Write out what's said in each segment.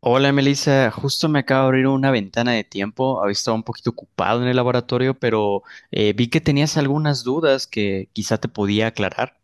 Hola Melissa, justo me acaba de abrir una ventana de tiempo. Había estado un poquito ocupado en el laboratorio, pero vi que tenías algunas dudas que quizá te podía aclarar.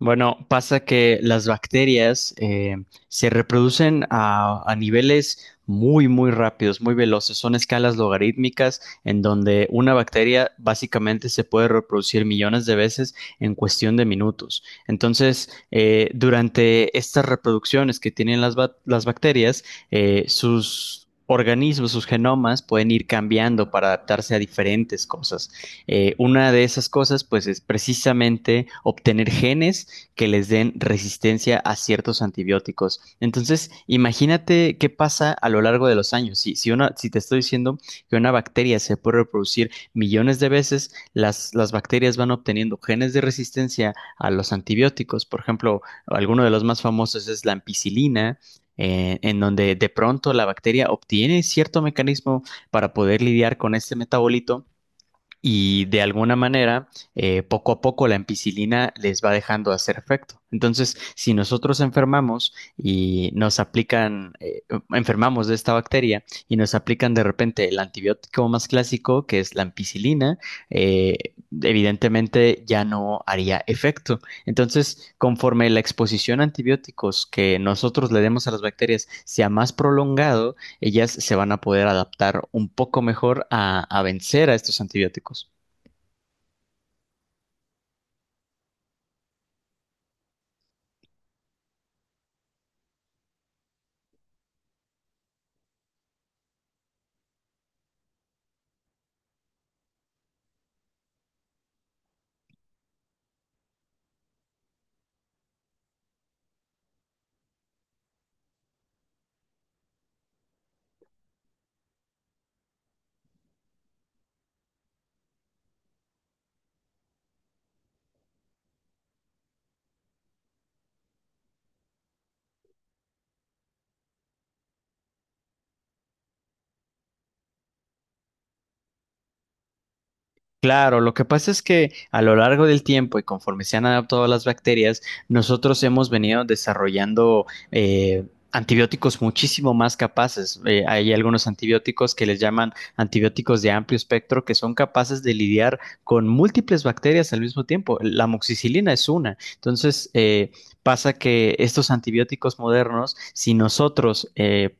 Bueno, pasa que las bacterias se reproducen a niveles muy, muy rápidos, muy veloces. Son escalas logarítmicas en donde una bacteria básicamente se puede reproducir millones de veces en cuestión de minutos. Entonces, durante estas reproducciones que tienen las bacterias, sus... organismos, sus genomas pueden ir cambiando para adaptarse a diferentes cosas. Una de esas cosas, pues, es precisamente obtener genes que les den resistencia a ciertos antibióticos. Entonces, imagínate qué pasa a lo largo de los años. Si te estoy diciendo que una bacteria se puede reproducir millones de veces, las bacterias van obteniendo genes de resistencia a los antibióticos. Por ejemplo, alguno de los más famosos es la ampicilina, en donde de pronto la bacteria obtiene cierto mecanismo para poder lidiar con este metabolito y de alguna manera, poco a poco la ampicilina les va dejando de hacer efecto. Entonces, si nosotros enfermamos y nos aplican, enfermamos de esta bacteria y nos aplican de repente el antibiótico más clásico, que es la ampicilina, eh, evidentemente ya no haría efecto. Entonces, conforme la exposición a antibióticos que nosotros le demos a las bacterias sea más prolongado, ellas se van a poder adaptar un poco mejor a vencer a estos antibióticos. Claro, lo que pasa es que a lo largo del tiempo y conforme se han adaptado las bacterias, nosotros hemos venido desarrollando eh, antibióticos muchísimo más capaces. Hay algunos antibióticos que les llaman antibióticos de amplio espectro que son capaces de lidiar con múltiples bacterias al mismo tiempo. La amoxicilina es una. Entonces, pasa que estos antibióticos modernos, si nosotros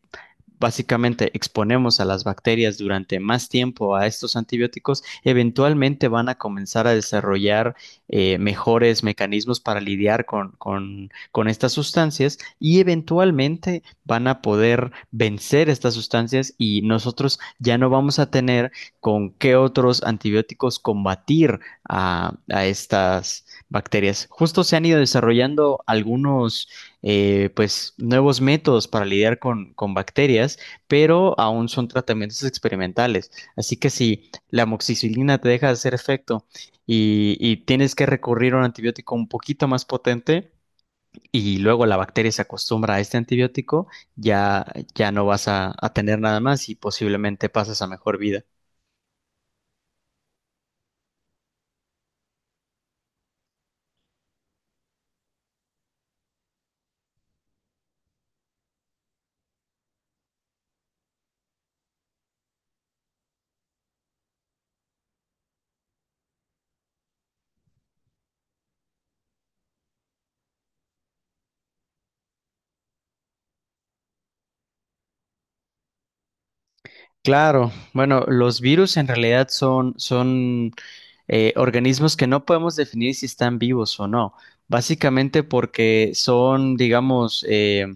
básicamente exponemos a las bacterias durante más tiempo a estos antibióticos, eventualmente van a comenzar a desarrollar mejores mecanismos para lidiar con estas sustancias y eventualmente van a poder vencer estas sustancias y nosotros ya no vamos a tener con qué otros antibióticos combatir a estas bacterias. Justo se han ido desarrollando algunos pues nuevos métodos para lidiar con bacterias, pero aún son tratamientos experimentales. Así que si la amoxicilina te deja de hacer efecto y tienes que recurrir a un antibiótico un poquito más potente y luego la bacteria se acostumbra a este antibiótico, ya, ya no vas a tener nada más y posiblemente pasas a mejor vida. Claro, bueno, los virus en realidad son organismos que no podemos definir si están vivos o no, básicamente porque son, digamos, eh,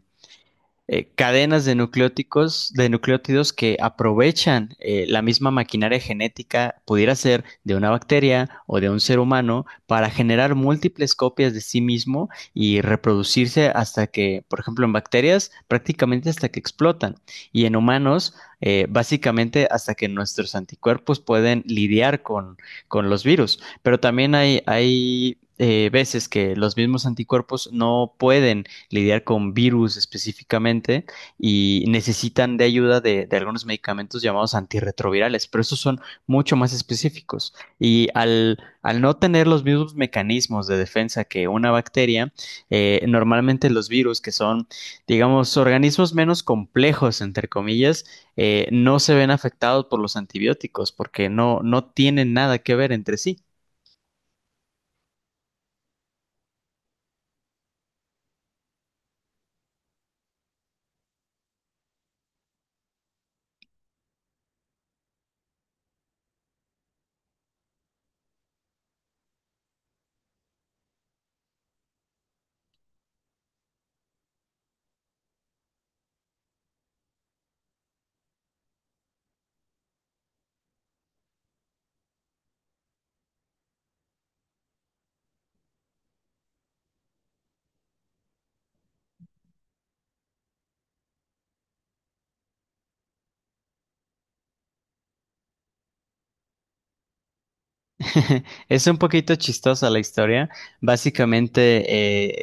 eh, cadenas de nucleóticos, de nucleótidos que aprovechan la misma maquinaria genética, pudiera ser de una bacteria o de un ser humano, para generar múltiples copias de sí mismo y reproducirse hasta que, por ejemplo, en bacterias, prácticamente hasta que explotan. Y en humanos, básicamente hasta que nuestros anticuerpos pueden lidiar con los virus. Pero también hay veces que los mismos anticuerpos no pueden lidiar con virus específicamente y necesitan de ayuda de algunos medicamentos llamados antirretrovirales, pero estos son mucho más específicos. Y al no tener los mismos mecanismos de defensa que una bacteria, normalmente los virus, que son, digamos, organismos menos complejos, entre comillas, no se ven afectados por los antibióticos porque no, no tienen nada que ver entre sí. Es un poquito chistosa la historia. Básicamente,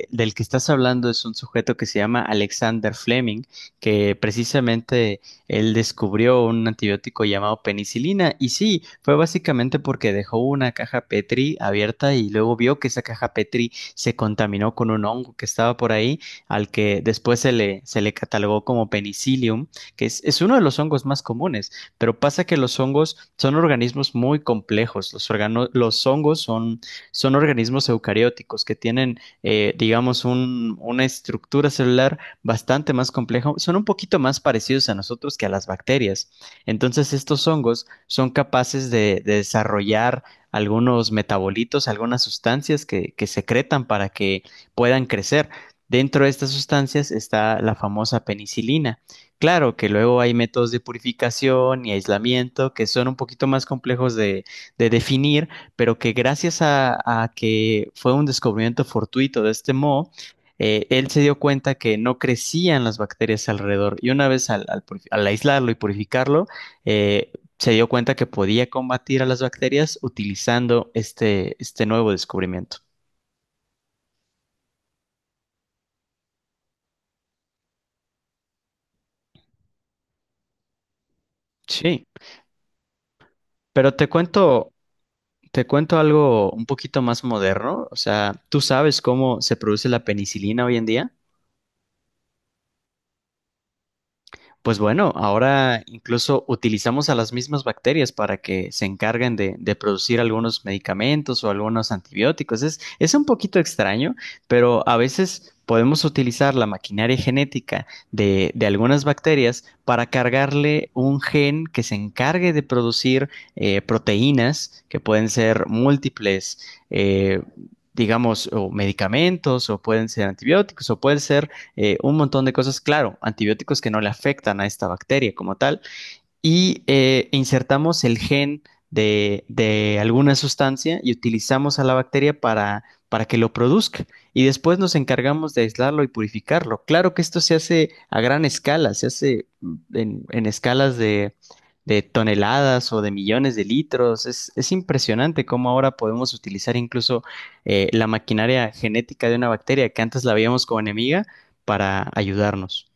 del que estás hablando es un sujeto que se llama Alexander Fleming, que precisamente él descubrió un antibiótico llamado penicilina. Y sí, fue básicamente porque dejó una caja Petri abierta y luego vio que esa caja Petri se contaminó con un hongo que estaba por ahí, al que después se le catalogó como penicillium, que es uno de los hongos más comunes. Pero pasa que los hongos son organismos muy complejos. Los hongos son organismos eucarióticos que tienen, digamos, una estructura celular bastante más compleja. Son un poquito más parecidos a nosotros que a las bacterias. Entonces, estos hongos son capaces de desarrollar algunos metabolitos, algunas sustancias que secretan para que puedan crecer. Dentro de estas sustancias está la famosa penicilina. Claro que luego hay métodos de purificación y aislamiento que son un poquito más complejos de definir, pero que gracias a que fue un descubrimiento fortuito de este moho, él se dio cuenta que no crecían las bacterias alrededor y una vez al aislarlo y purificarlo, eh, se dio cuenta que podía combatir a las bacterias utilizando este nuevo descubrimiento. Sí, pero te cuento algo un poquito más moderno. O sea, ¿tú sabes cómo se produce la penicilina hoy en día? Pues bueno, ahora incluso utilizamos a las mismas bacterias para que se encarguen de producir algunos medicamentos o algunos antibióticos. Es un poquito extraño, pero a veces podemos utilizar la maquinaria genética de algunas bacterias para cargarle un gen que se encargue de producir proteínas que pueden ser múltiples. eh, digamos, o medicamentos, o pueden ser antibióticos, o pueden ser un montón de cosas, claro, antibióticos que no le afectan a esta bacteria como tal, y insertamos el gen de alguna sustancia y utilizamos a la bacteria para que lo produzca. Y después nos encargamos de aislarlo y purificarlo. Claro que esto se hace a gran escala, se hace en escalas de toneladas o de millones de litros. Es impresionante cómo ahora podemos utilizar incluso la maquinaria genética de una bacteria que antes la veíamos como enemiga para ayudarnos.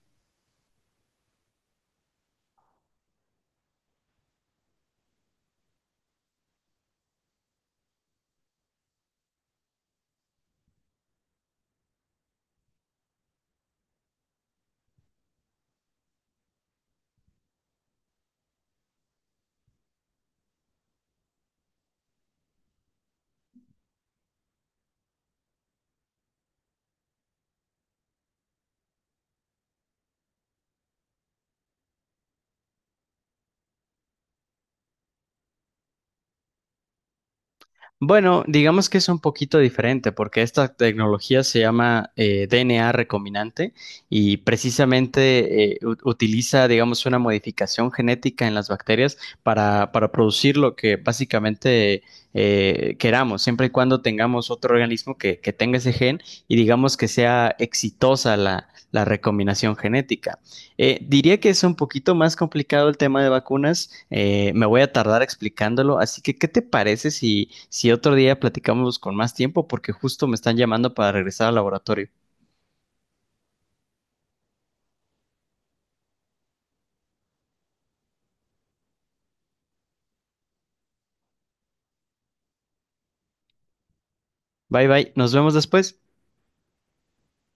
Bueno, digamos que es un poquito diferente porque esta tecnología se llama DNA recombinante y precisamente utiliza, digamos, una modificación genética en las bacterias para producir lo que básicamente queramos, siempre y cuando tengamos otro organismo que tenga ese gen y digamos que sea exitosa la recombinación genética. Diría que es un poquito más complicado el tema de vacunas. Me voy a tardar explicándolo, así que ¿qué te parece si, si otro día platicamos con más tiempo? Porque justo me están llamando para regresar al laboratorio. Bye bye, nos vemos después.